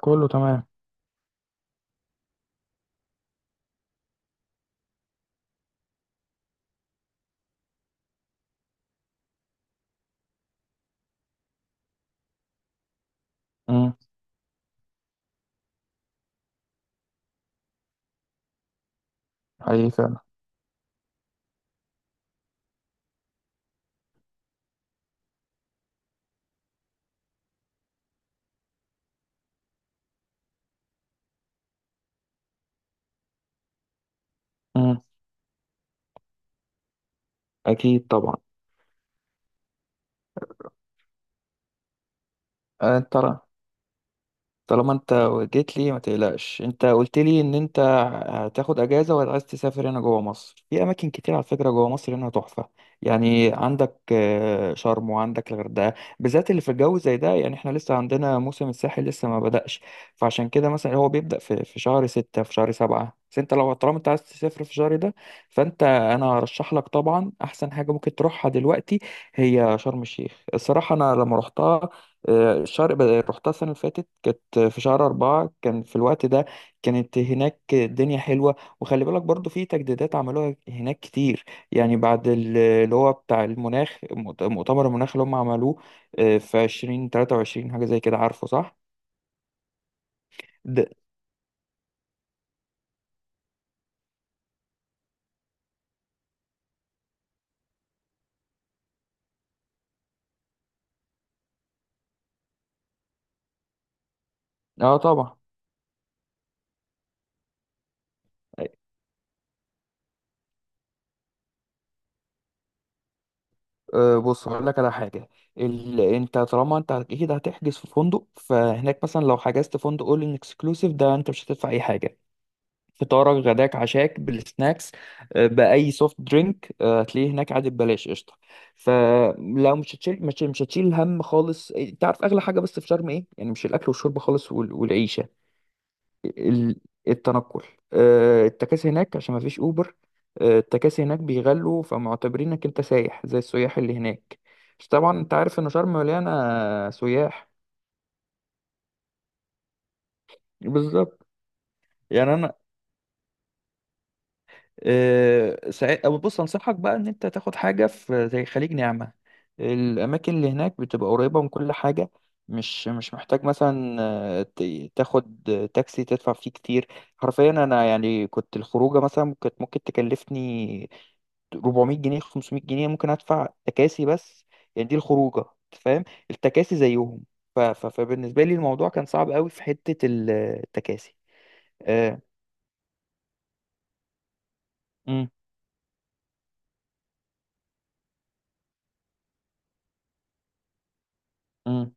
كله تمام. امم. حقيقي فعلا. امم. اكيد طبعا. انت طالما انت جيت لي ما تقلقش، انت قلت لي ان انت هتاخد اجازه وعايز تسافر. هنا جوه مصر في اماكن كتير، على فكره جوه مصر هنا تحفه. يعني عندك شرم وعندك الغردقه، بالذات اللي في الجو زي ده. يعني احنا لسه عندنا موسم الساحل لسه ما بدأش، فعشان كده مثلا هو بيبدأ في شهر ستة في شهر سبعة. بس انت لو طالما انت عايز تسافر في الشهر ده، فانت انا هرشح لك طبعا احسن حاجه ممكن تروحها دلوقتي هي شرم الشيخ. الصراحه انا لما رحتها رحتها السنة اللي فاتت، كانت في شهر أربعة، كان في الوقت ده كانت هناك الدنيا حلوة. وخلي بالك برضو في تجديدات عملوها هناك كتير، يعني بعد اللي هو بتاع المناخ، مؤتمر المناخ اللي هم عملوه في عشرين تلاتة وعشرين حاجة زي كده. عارفه صح؟ ده اه طبعا. بص هقول لك على حاجة. انت طالما انت اكيد هتحجز في فندق، فهناك مثلا لو حجزت فندق اول ان اكسكلوسيف ده انت مش هتدفع اي حاجة. فطارك غداك عشاك بالسناكس، بأي سوفت درينك هتلاقيه هناك عادي ببلاش قشطة. فلو مش هتشيل مش هتشيل هم خالص. إيه، تعرف أغلى حاجة بس في شرم إيه؟ يعني مش الأكل والشرب خالص والعيشة، ال- التنقل. التكاسي هناك، عشان مفيش أوبر. التكاسي هناك بيغلوا، فمعتبرينك أنت سايح زي السياح اللي هناك. بس طبعا أنت عارف إن شرم مليانة سياح. بالظبط. يعني أنا آه، ساع- أو بص أنصحك بقى إن أنت تاخد حاجة في زي خليج نعمة. الأماكن اللي هناك بتبقى قريبة من كل حاجة، مش محتاج مثلا تاخد تاكسي تدفع فيه كتير. حرفيا أنا يعني كنت الخروجة مثلا كانت ممكن تكلفني 400 جنيه 500 جنيه، ممكن أدفع تكاسي بس، يعني دي الخروجة أنت فاهم، التكاسي زيهم. ف- ف- فبالنسبة لي الموضوع كان صعب قوي في حتة التكاسي آه، مم، مم،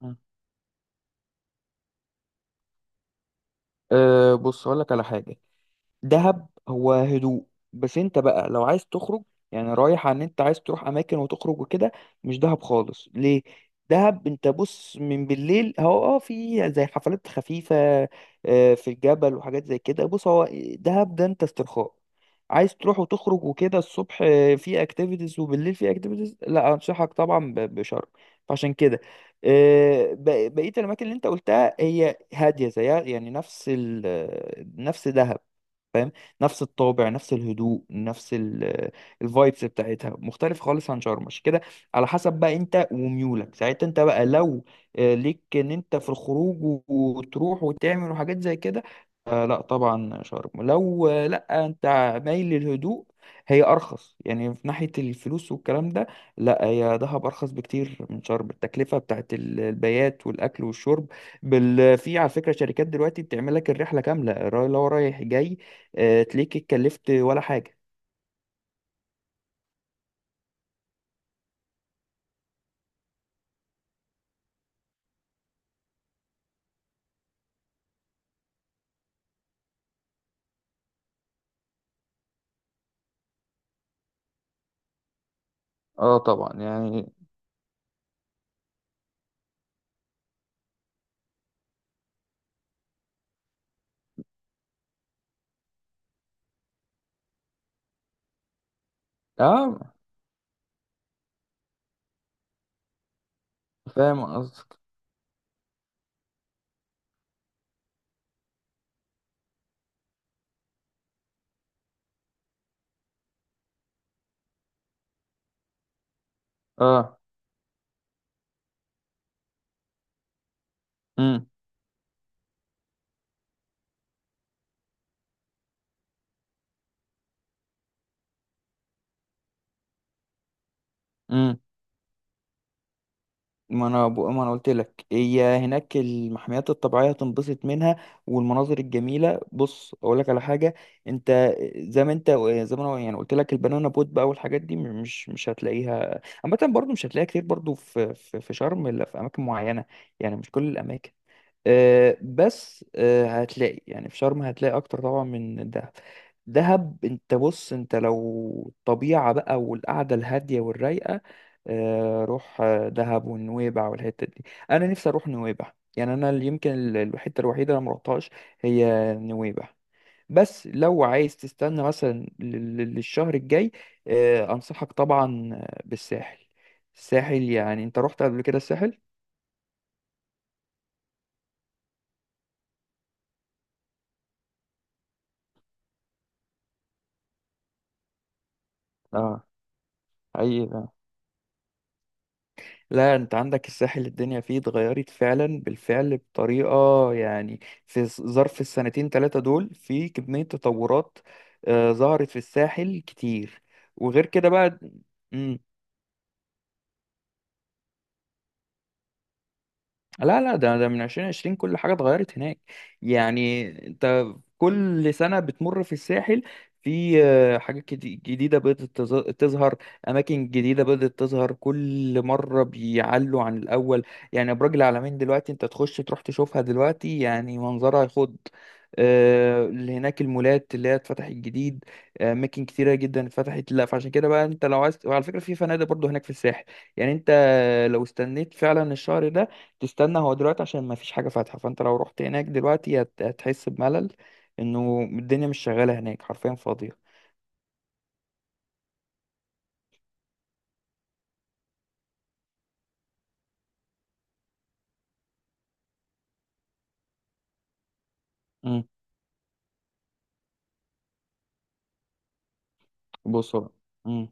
مم، أه بص اقول لك على حاجه. دهب هو هدوء، بس انت بقى لو عايز تخرج، يعني رايح عن انت عايز تروح اماكن وتخرج وكده، مش دهب خالص. ليه؟ دهب انت بص، من بالليل هو اه في زي حفلات خفيفة في الجبل وحاجات زي كده. بص هو دهب ده انت استرخاء، عايز تروح وتخرج وكده الصبح في اكتيفيتيز وبالليل في اكتيفيتيز، لا انصحك طبعا بشرم. فعشان كده بقية الاماكن اللي انت قلتها هي هادية زيها، يعني نفس دهب، نفس الطابع نفس الهدوء نفس الفايبس بتاعتها مختلف خالص عن شرم، عشان كده على حسب بقى انت وميولك ساعتها. انت بقى لو ليك ان انت في الخروج وتروح وتعمل وحاجات زي كده لا طبعا شرم، لو لا انت مايل للهدوء. هي ارخص يعني في ناحية الفلوس والكلام ده، لا هي دهب ارخص بكتير من شرم. التكلفة بتاعت البيات والاكل والشرب في على فكرة شركات دلوقتي بتعمل لك الرحلة كاملة، اللي هو رايح جاي تليك، اتكلفت ولا حاجة. اه طبعا يعني. اه فاهم قصدك. اه. امم. امم. ما انا بقى، ما انا قلت لك هي هناك المحميات الطبيعيه هتنبسط منها والمناظر الجميله. بص اقول لك على حاجه. انت زي ما انت زي ما انا يعني قلت لك، البنانا بوت بقى والحاجات دي مش هتلاقيها عامه برضو، مش هتلاقيها كتير برضو في شرم الا في اماكن معينه، يعني مش كل الاماكن. بس هتلاقي يعني في شرم هتلاقي اكتر طبعا من دهب. دهب انت بص، انت لو الطبيعة بقى والقعدة الهادية والرايقة روح، دهب ونويبع والحتة دي. انا نفسي اروح نويبع، يعني انا اللي يمكن الحتة الوحيدة اللي مروحتهاش هي نويبع. بس لو عايز تستنى مثلا للشهر الجاي انصحك طبعا بالساحل. الساحل، يعني انت رحت قبل كده الساحل؟ اه ايوه. لا انت عندك الساحل الدنيا فيه اتغيرت فعلا بالفعل بطريقة، يعني في ظرف السنتين ثلاثة دول في كمية تطورات ظهرت في الساحل كتير، وغير كده بقى. مم. لا لا، ده من 2020 كل حاجة اتغيرت هناك. يعني انت كل سنة بتمر في الساحل في جديدة بدأت تظهر، أماكن جديدة بدأت تظهر، كل مرة بيعلوا عن الأول. يعني أبراج العلمين دلوقتي أنت تخش تروح تشوفها دلوقتي يعني منظرها يخض. اللي هناك المولات اللي هي اتفتحت جديد، أماكن كتيرة جدا اتفتحت. لا فعشان كده بقى أنت لو عايز، وعلى فكرة في فنادق برضو هناك في الساحل. يعني أنت لو استنيت فعلا الشهر ده تستنى، هو دلوقتي عشان ما فيش حاجة فاتحة، فانت لو رحت هناك دلوقتي هتحس بملل، انه الدنيا مش شغالة هناك حرفيا فاضية. امم. بص هو. امم.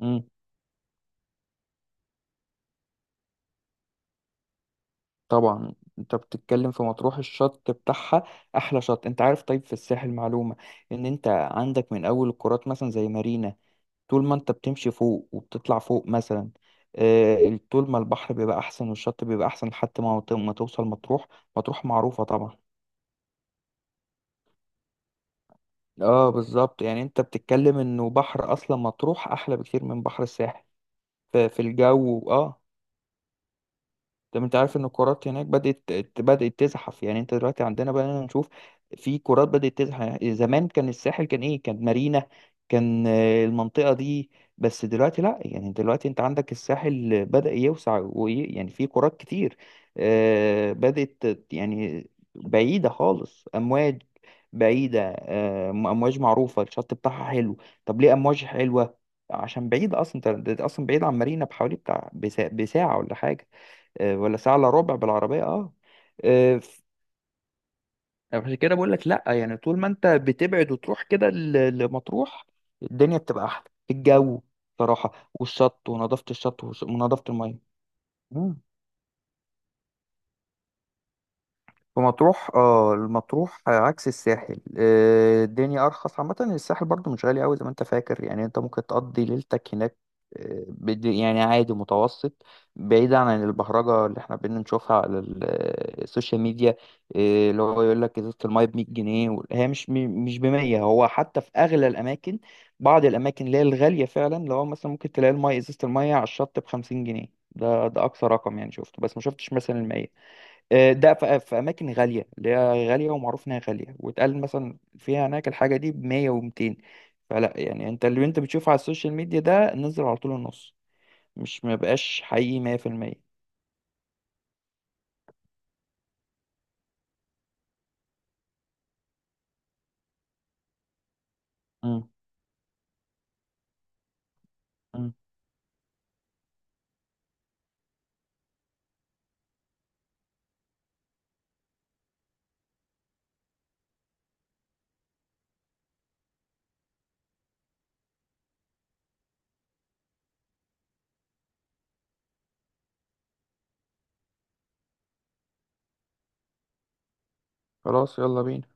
امم. طبعا انت بتتكلم في مطروح، الشط بتاعها احلى شط انت عارف. طيب في الساحل معلومة، ان انت عندك من اول القارات مثلا زي مارينا، طول ما انت بتمشي فوق وبتطلع فوق مثلا طول ما البحر بيبقى احسن والشط بيبقى احسن لحد ما توصل مطروح. مطروح معروفة طبعا. اه بالظبط، يعني انت بتتكلم انه بحر اصلا مطروح احلى بكتير من بحر الساحل، في, في الجو اه. طب انت عارف ان الكرات هناك بدأت تزحف؟ يعني انت دلوقتي عندنا بقى نشوف في كرات بدأت تزحف، يعني زمان كان الساحل كان ايه؟ كان مارينا، كان المنطقة دي بس. دلوقتي لا، يعني دلوقتي انت عندك الساحل بدأ يوسع يعني في كرات كتير بدأت يعني بعيدة خالص. امواج بعيدة، امواج معروفة الشط بتاعها حلو. طب ليه امواج حلوة؟ عشان بعيدة اصلا، أنت اصلا بعيد عن مارينا بحوالي بتاع بساعة ولا حاجة، ولا ساعة الا ربع بالعربية اه. آه، ف- عشان كده بقول لك لا، يعني طول ما انت بتبعد وتروح كده لمطروح الدنيا بتبقى احلى، الجو صراحة والشط ونظافة الشط ونظافة المية. في مطروح اه، المطروح عكس الساحل الدنيا ارخص عامه. الساحل برضو مش غالي قوي زي ما انت فاكر، يعني انت ممكن تقضي ليلتك هناك يعني عادي متوسط، بعيد عن البهرجه اللي احنا بنشوفها على السوشيال ميديا. اللي هو يقول لك ازازه الميه ب 100 جنيه، هي مش مش ب 100. هو حتى في اغلى الاماكن، بعض الاماكن اللي هي الغاليه فعلا، اللي هو مثلا ممكن تلاقي الميه ازازه الميه على الشط ب 50 جنيه، ده ده اقصى رقم يعني شفته. بس ما شفتش مثلا المية. ده في في اماكن غاليه، اللي هي غاليه ومعروف انها غاليه، واتقال مثلا فيها هناك الحاجه دي ب 100 و200. فلا، يعني انت اللي انت بتشوفه على السوشيال ميديا ده نزل على طول النص، مش ما بقاش حقيقي 100%. امم. امم. خلاص يلا بينا.